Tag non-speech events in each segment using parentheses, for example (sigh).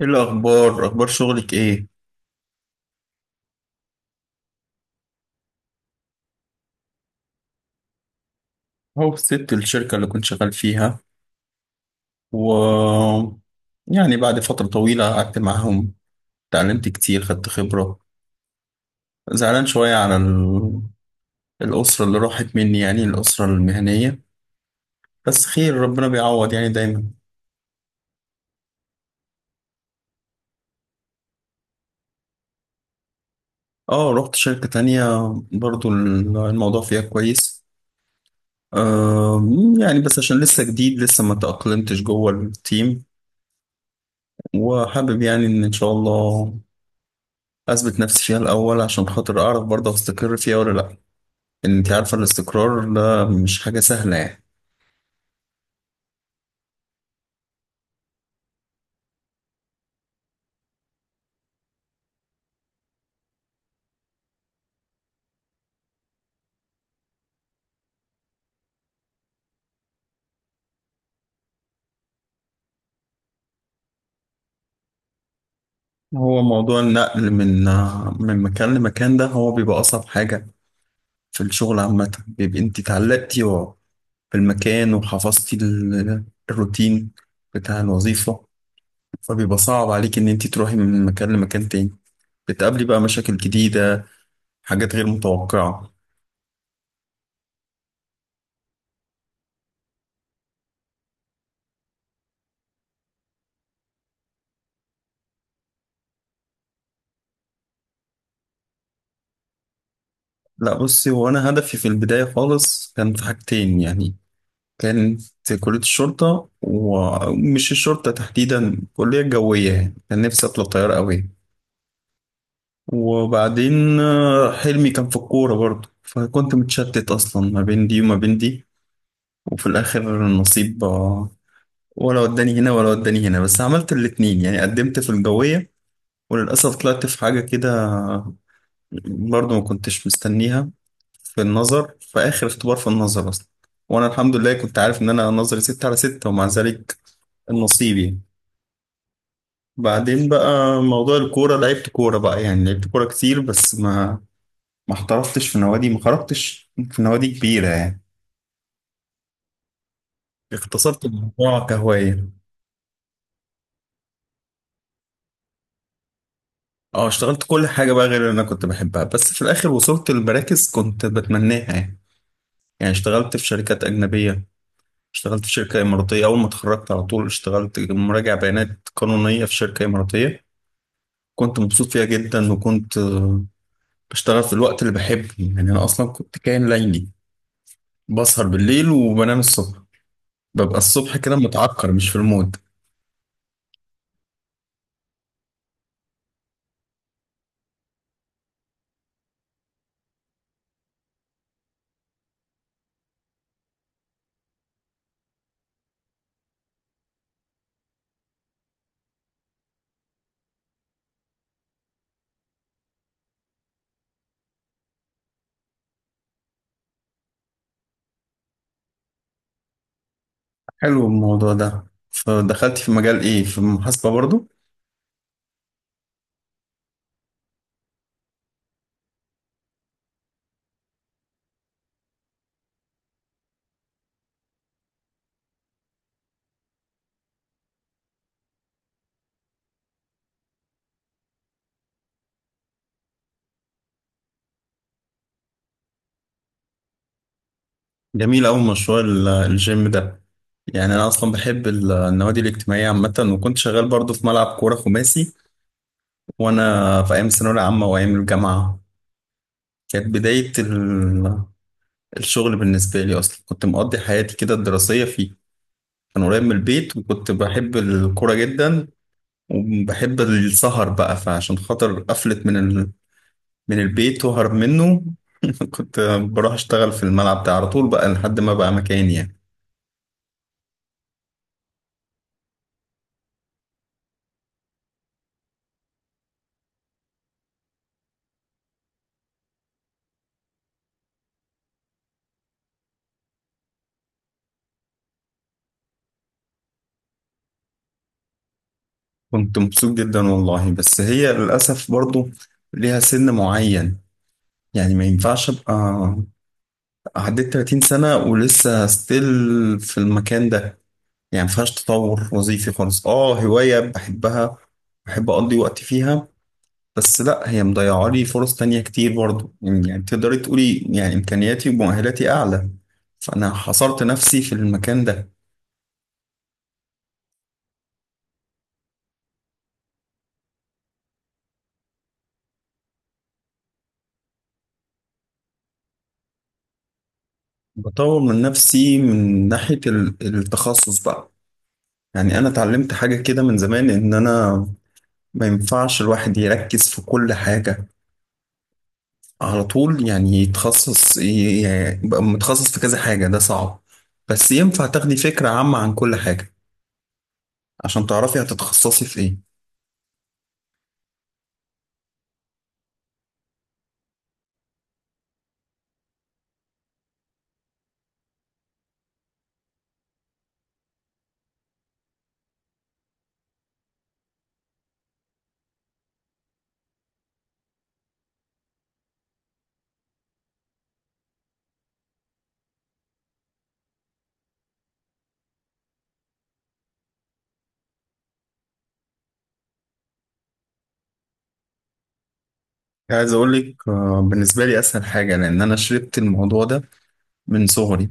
ايه الاخبار؟ اخبار شغلك ايه؟ هو سبت الشركه اللي كنت شغال فيها و يعني بعد فتره طويله قعدت معاهم، اتعلمت كتير، خدت خبره. زعلان شويه على الاسره اللي راحت مني، يعني الاسره المهنيه، بس خير، ربنا بيعوض يعني دايما. اه، رحت شركه تانية، برضو الموضوع فيها كويس. آه يعني بس عشان لسه جديد، لسه ما تأقلمتش جوه التيم، وحابب يعني ان شاء الله اثبت نفسي فيها الاول عشان خاطر اعرف برضه استقر فيها ولا لا. ان انت عارفه الاستقرار ده مش حاجه سهله يعني. هو موضوع النقل من مكان لمكان ده هو بيبقى اصعب حاجه في الشغل عامه، بيبقى انت اتعلقتي بالمكان، وحفظتي الروتين بتاع الوظيفه، فبيبقى صعب عليك ان انت تروحي من مكان لمكان تاني، بتقابلي بقى مشاكل جديده، حاجات غير متوقعه. لا بصي، هو انا هدفي في البدايه خالص كان في حاجتين يعني، كانت كلية الشرطة، ومش الشرطة تحديدا، كلية جوية، يعني كان نفسي أطلع طيار أوي. وبعدين حلمي كان في الكورة برضه، فكنت متشتت أصلا ما بين دي وما بين دي. وفي الآخر النصيب ولا وداني هنا ولا وداني هنا. بس عملت الاتنين، يعني قدمت في الجوية وللأسف طلعت في حاجة كده برضه ما كنتش مستنيها، في النظر، في آخر اختبار، في النظر أصلا، وأنا الحمد لله كنت عارف إن أنا نظري ستة على ستة، ومع ذلك نصيبي. بعدين بقى موضوع الكورة، لعبت كورة بقى يعني، لعبت كورة كتير، بس ما احترفتش في نوادي، ما خرجتش في نوادي كبيرة يعني، اختصرت الموضوع كهواية. اه، اشتغلت كل حاجة بقى غير اللي انا كنت بحبها، بس في الاخر وصلت لمراكز كنت بتمناها يعني. يعني اشتغلت في شركات اجنبية، اشتغلت في شركة اماراتية. اول ما اتخرجت على طول اشتغلت مراجع بيانات قانونية في شركة اماراتية، كنت مبسوط فيها جدا، وكنت بشتغل في الوقت اللي بحبه. يعني انا اصلا كنت كائن ليلي، بسهر بالليل وبنام الصبح، ببقى الصبح كده متعكر مش في المود. حلو الموضوع ده، فدخلت في مجال ايه؟ في المحاسبة برضو؟ جميل أوي مشروع الجيم ده. يعني أنا أصلا بحب النوادي الاجتماعية عامة، وكنت شغال برضو في ملعب كورة خماسي وأنا في أيام الثانوية العامة وأيام الجامعة. كانت بداية الشغل بالنسبة لي، أصلا كنت مقضي حياتي كده الدراسية فيه، كان قريب من البيت وكنت بحب الكورة جدا وبحب السهر بقى، فعشان خاطر قفلت من البيت وهرب منه. (laughs) كنت بروح اشتغل في الملعب ده على طول بقى لحد ما بقى مكاني يعني. كنت مبسوط جدا والله، بس هي للأسف برضو ليها سن معين، يعني ما ينفعش ابقى عديت 30 سنة ولسه ستيل في المكان ده. يعني ما فيهاش تطور وظيفي خالص، اه هواية بحبها، بحب أقضي وقت فيها، بس لا، هي مضيعة لي فرص تانية كتير برضو، يعني تقدري تقولي يعني إمكانياتي ومؤهلاتي أعلى، فأنا حصرت نفسي في المكان ده. بطور من نفسي من ناحية التخصص بقى، يعني أنا اتعلمت حاجة كده من زمان إن أنا ما ينفعش الواحد يركز في كل حاجة على طول، يعني يتخصص يعني يبقى متخصص في كذا حاجة، ده صعب، بس ينفع تاخدي فكرة عامة عن كل حاجة عشان تعرفي هتتخصصي في إيه. عايز أقولك بالنسبة لي أسهل حاجة، لأن أنا شربت الموضوع ده من صغري،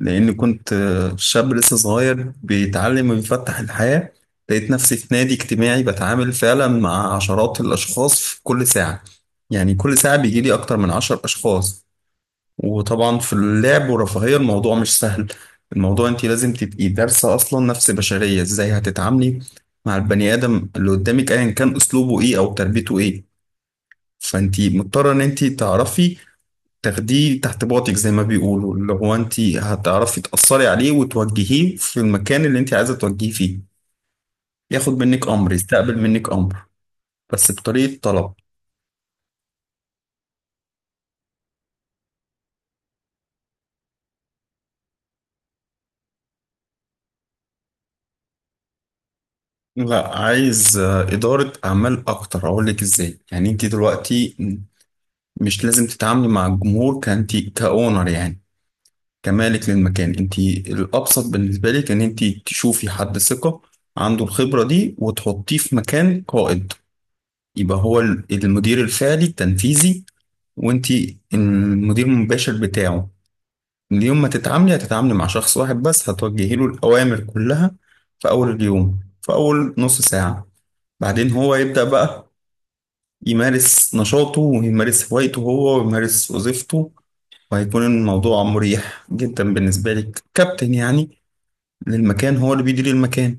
لأني كنت شاب لسه صغير بيتعلم ويفتح الحياة، لقيت نفسي في نادي اجتماعي بتعامل فعلا مع عشرات الأشخاص في كل ساعة، يعني كل ساعة بيجيلي أكتر من عشر أشخاص. وطبعا في اللعب والرفاهية الموضوع مش سهل، الموضوع أنت لازم تبقي دارسة أصلا نفس بشرية إزاي هتتعاملي مع البني آدم اللي قدامك أيا كان أسلوبه إيه أو تربيته إيه. فأنت مضطرة إن أنت تعرفي تاخديه تحت باطك زي ما بيقولوا، اللي هو انت هتعرفي تأثري عليه وتوجهيه في المكان اللي انت عايزة توجهيه فيه، ياخد منك امر، يستقبل منك امر بس بطريقة طلب. لا، عايز إدارة أعمال أكتر، أقول لك إزاي. يعني أنت دلوقتي مش لازم تتعاملي مع الجمهور كأنت كأونر، يعني كمالك للمكان. أنت الأبسط بالنسبة لك إن أنت تشوفي حد ثقة عنده الخبرة دي وتحطيه في مكان قائد، يبقى هو المدير الفعلي التنفيذي، وانتي المدير المباشر بتاعه. اليوم ما تتعاملي هتتعاملي مع شخص واحد بس، هتوجهي له الأوامر كلها في أول اليوم، في أول نص ساعة، بعدين هو يبدأ بقى يمارس نشاطه ويمارس هوايته هو ويمارس وظيفته. وهيكون الموضوع مريح جدا بالنسبة لك كابتن، يعني للمكان، هو اللي بيدير المكان.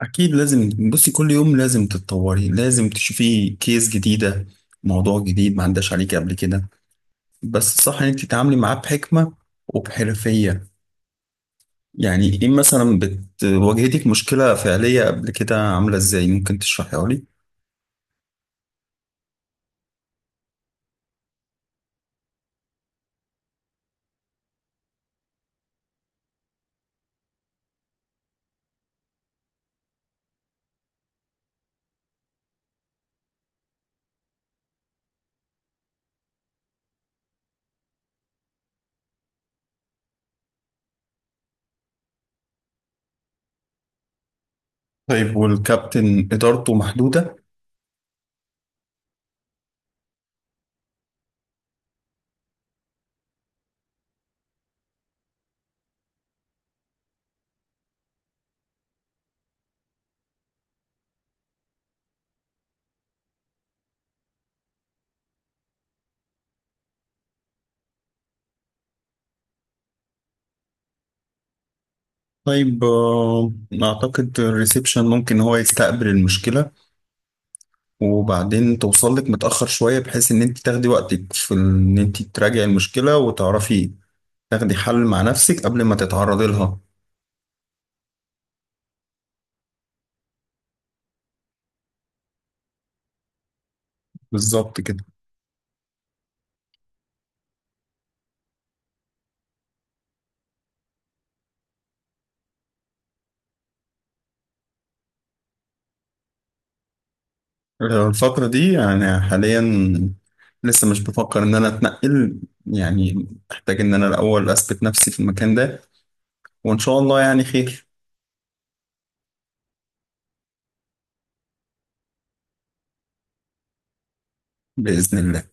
أكيد لازم، بصي، كل يوم لازم تتطوري، لازم تشوفي كيس جديدة، موضوع جديد ما عداش عليك قبل كده، بس صح ان انت تتعاملي معاه بحكمة وبحرفية. يعني ايه مثلا، واجهتك مشكلة فعلية قبل كده، عاملة ازاي؟ ممكن تشرحيها لي؟ طيب، والكابتن إدارته محدودة؟ طيب، أعتقد الريسبشن ممكن هو يستقبل المشكلة، وبعدين توصل لك متأخر شوية بحيث إن أنت تاخدي وقتك في إن أنت تراجعي المشكلة، وتعرفي تاخدي حل مع نفسك قبل ما تتعرضي لها. بالظبط كده. الفترة دي يعني حاليا لسه مش بفكر إن أنا أتنقل، يعني أحتاج إن أنا الأول أثبت نفسي في المكان ده، وإن شاء الله يعني خير. بإذن الله.